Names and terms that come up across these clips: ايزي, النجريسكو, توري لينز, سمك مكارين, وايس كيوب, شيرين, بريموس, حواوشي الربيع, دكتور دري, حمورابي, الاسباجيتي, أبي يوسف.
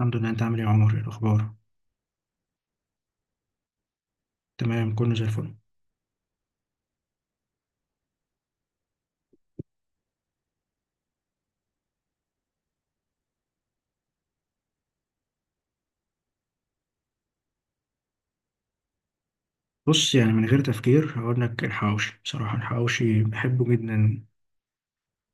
الحمد لله، انت عامل ايه يا عمر؟ ايه الاخبار؟ تمام، كله زي الفل. بص، يعني من غير تفكير هقول لك الحواوشي، بصراحه الحواوشي بحبه جدا.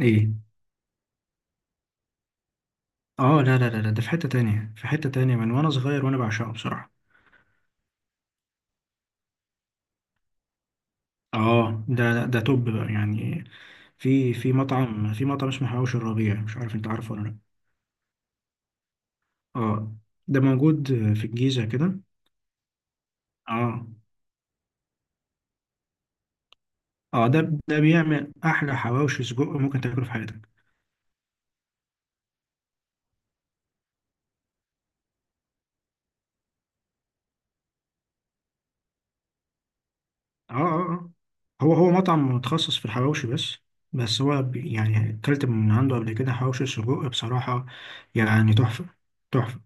ايه. اه، لا لا لا لا، ده في حته تانية، من وانا صغير وانا بعشقه بصراحه. اه، ده توب بقى يعني. في مطعم اسمه حواوشي الربيع، مش عارف انت عارفه ولا لا. اه، ده موجود في الجيزه كده. اه اه، ده بيعمل احلى حواوشي سجق ممكن تاكله في حياتك. اه اه اه، هو مطعم متخصص في الحواوشي بس. بس هو يعني اكلت من عنده قبل كده حواوشي سجق بصراحة، يعني تحفة. تحفة،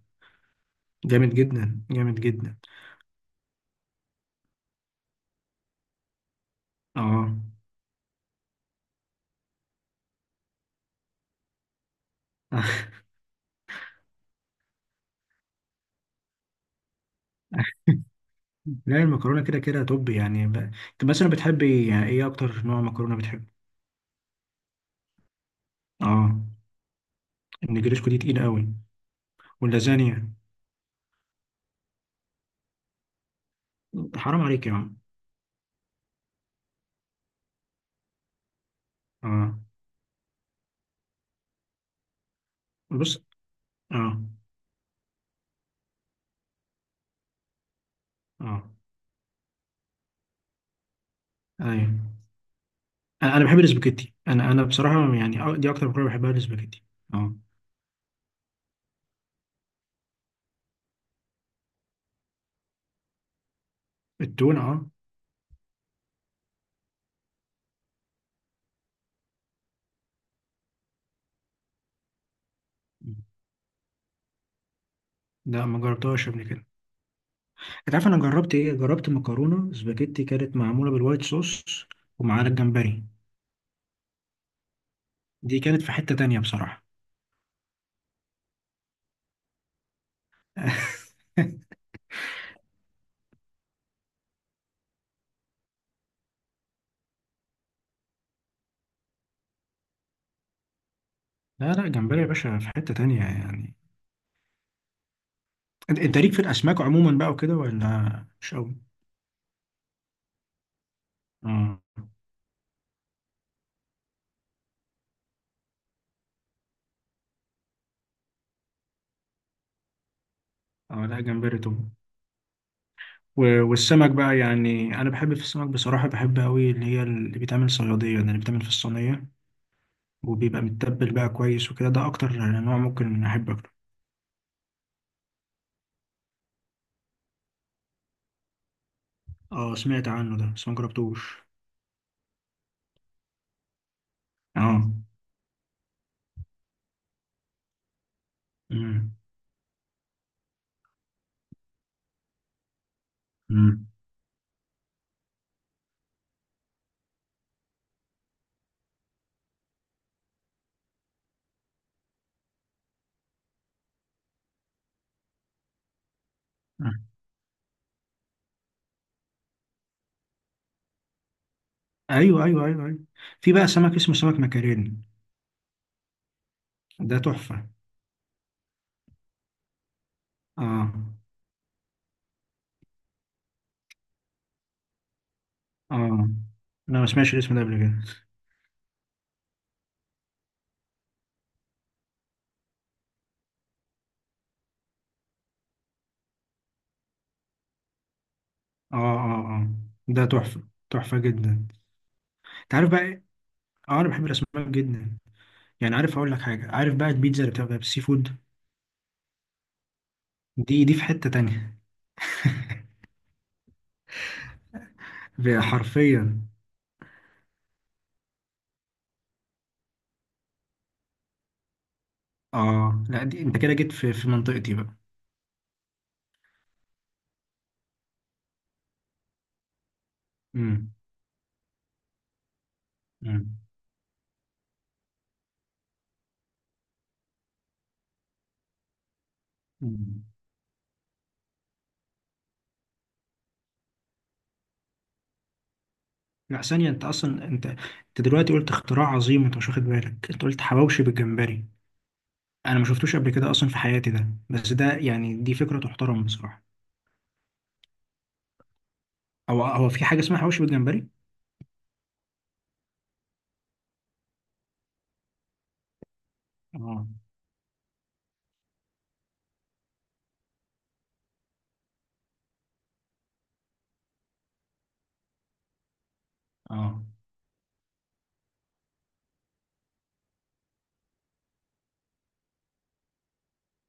جامد جدا جامد جدا. اه. لا، المكرونة كده كده توب يعني انت مثلا بتحبي يعني ايه اكتر نوع مكرونة بتحب؟ اه. النجريسكو دي تقيل قوي، واللازانيا. حرام عليك يا عم. اه. بص. اه اه. ايوه. انا بحب الاسباجيتي، انا بصراحة يعني دي اكتر مكرونة بحبها الاسباجيتي. اه. التونة، اه. لا، ما جربتهاش قبل كده. انت عارف انا جربت ايه؟ جربت مكرونه سباجيتي كانت معموله بالوايت صوص ومعاها الجمبري. دي كانت في حته تانية بصراحه. لا لا، جمبري يا باشا في حته تانية يعني. انت ليك في الاسماك عموما بقى وكده ولا مش قوي؟ اه اه، لا جمبري طبعا. والسمك بقى يعني، انا بحب في السمك بصراحه، بحب قوي، اللي هي اللي بيتعمل صياديه ده، اللي بيتعمل في الصينيه وبيبقى متبل بقى كويس وكده، ده اكتر نوع ممكن احب اكله. اه، سمعت عنه ده بس ما جربتوش. اه. مم. مم. آه. ايوه ايوه ايوه ايوه. في بقى سمك اسمه سمك مكارين، ده تحفه. اه اه، انا ما سمعتش الاسم ده قبل كده. اه اه اه، ده تحفه، تحفه جدا. انت عارف بقى إيه؟ اه، انا بحب الاسماك جدا. يعني عارف اقول لك حاجه؟ عارف بقى البيتزا اللي بتبقى بالسي فود؟ دي في حته تانية. حرفيا. اه، لا دي انت كده جيت في منطقتي بقى. امم. امم. أمم. لا ثانيه، انت اصلا انت دلوقتي قلت اختراع عظيم، انت مش واخد بالك؟ انت قلت حواوشي بالجمبري، انا ما شفتوش قبل كده اصلا في حياتي ده، بس ده يعني دي فكره تحترم بصراحه. هو في حاجه اسمها حواوشي بالجمبري؟ اه. اه.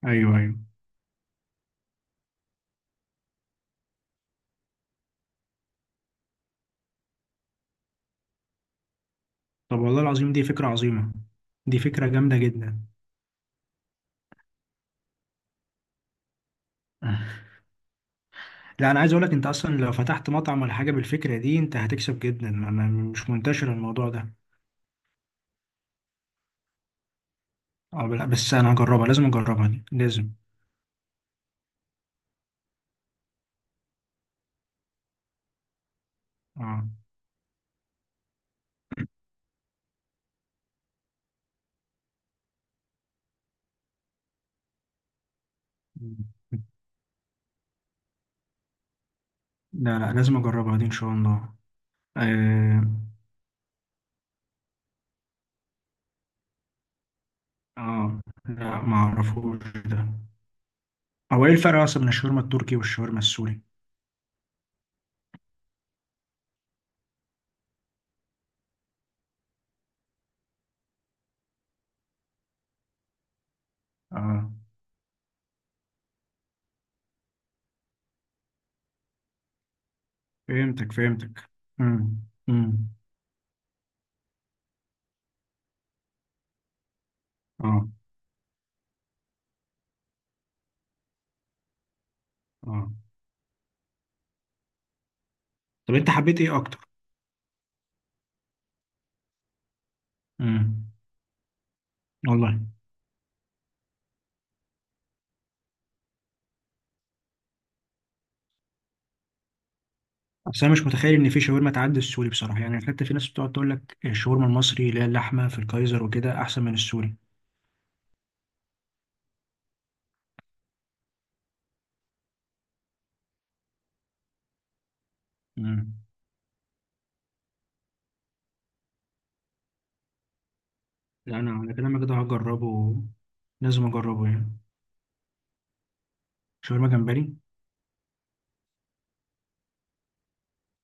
ايوه ايوه. طب والله العظيم دي فكره عظيمه، دي فكره جامده جدا. لا، انا عايز اقول لك انت اصلا لو فتحت مطعم ولا حاجه بالفكره دي انت هتكسب جدا، مش منتشر الموضوع ده. اه، لا بس انا هجربها، لازم اجربها دي لازم. اه، لا لا لازم اجربها دي ان شاء الله. اه. آه. لا، ما اعرفوش ده. هو ايه الفرق اصلا بين الشاورما التركي والشاورما السوري؟ اه، فهمتك فهمتك. امم. امم. اه. اه. طب انت حبيت ايه اكتر؟ امم. والله. اصل انا مش متخيل ان في شاورما تعدي السوري بصراحه، يعني حتى في ناس بتقعد تقول لك الشاورما المصري اللي هي اللحمه في الكايزر وكده احسن من السوري. امم. لا، انا على كلامك ده هجربه. لازم اجربه يعني. شاورما جمبري.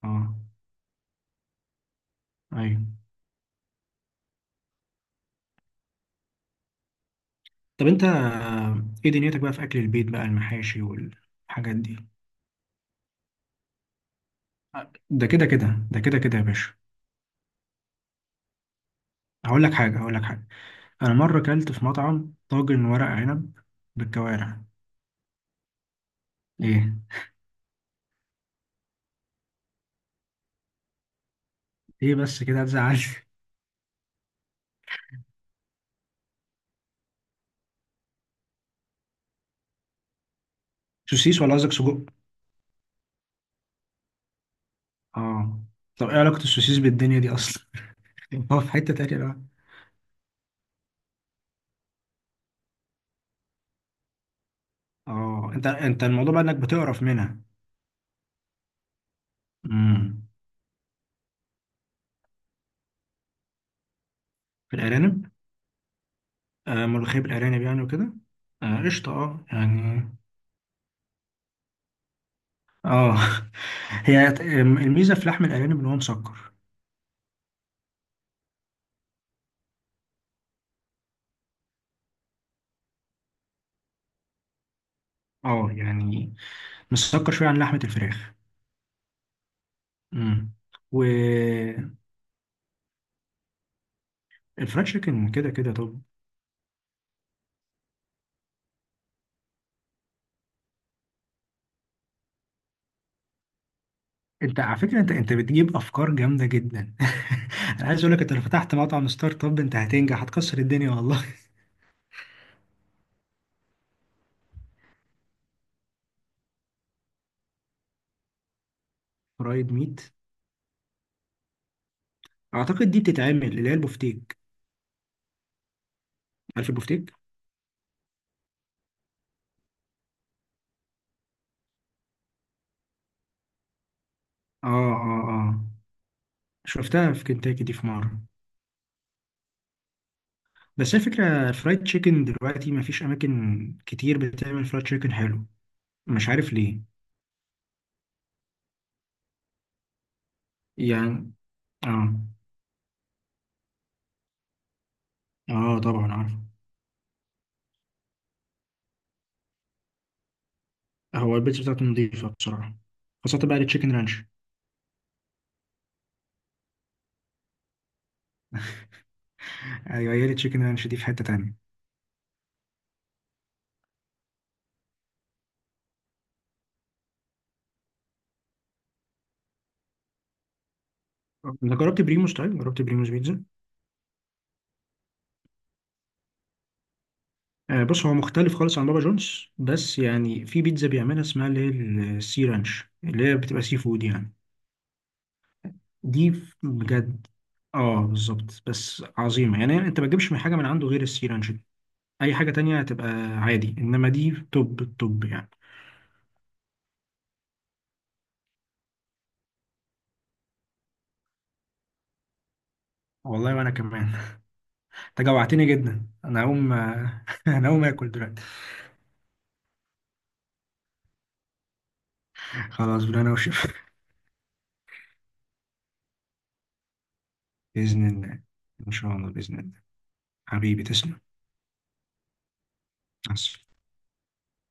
اه. ايوه. طب انت، ايه دنيتك بقى في اكل البيت بقى، المحاشي والحاجات دي؟ آه، ده كده كده، ده كده كده يا باشا. هقول لك حاجة، هقول لك حاجة. أنا مرة كلت في مطعم طاجن ورق عنب بالكوارع. إيه. إيه، بس كده هتزعل. سوسيس ولا قصدك سجق؟ آه. طب إيه علاقة السوسيس بالدنيا دي أصلا؟ هو في حتة تانية بقى. آه، أنت الموضوع بقى إنك بتقرف منها. امم. في الأرانب. آه، ملوخية بالأرانب يعني وكده. آه قشطة، آه يعني. آه. هي الميزة في لحم الأرانب إن هو مسكر. آه يعني، مسكر شوية عن لحمة الفراخ. امم. و الفرايد تشيكن كده كده طب. انت على فكره انت بتجيب افكار جامده جدا. انا عايز اقول لك انت لو فتحت مطعم ستارت اب انت هتنجح، هتكسر الدنيا والله. فرايد ميت. اعتقد دي بتتعمل اللي هي البفتيك. عارف البفتيك؟ اه اه اه، شفتها في كنتاكي دي في مره. بس هي فكره الفرايد تشيكن دلوقتي ما فيش اماكن كتير بتعمل فرايد تشيكن حلو، مش عارف ليه. يعني. اه. اه طبعا عارف. هو البيتزا بتاعته نظيفه بصراحه، خاصه بقى التشيكن رانش. ايوه، هي التشيكن رانش دي في حته تانية. انا جربت بريموس، طيب جربت بريموس بيتزا. آه بص، هو مختلف خالص عن بابا جونز، بس يعني في بيتزا بيعملها اسمها اللي هي السي رانش، اللي هي بتبقى سي فود يعني. دي بجد. اه بالظبط، بس عظيمه يعني، انت ما تجيبش من حاجه من عنده غير السي رانش دي، اي حاجه تانية هتبقى عادي، انما دي توب التوب يعني. والله، وانا كمان. انت جوعتني جدا، انا هقوم، انا هقوم اكل دلوقتي. خلاص بالله، انا وشف. باذن الله. ان شاء الله، باذن الله. حبيبي تسلم. مع السلامة.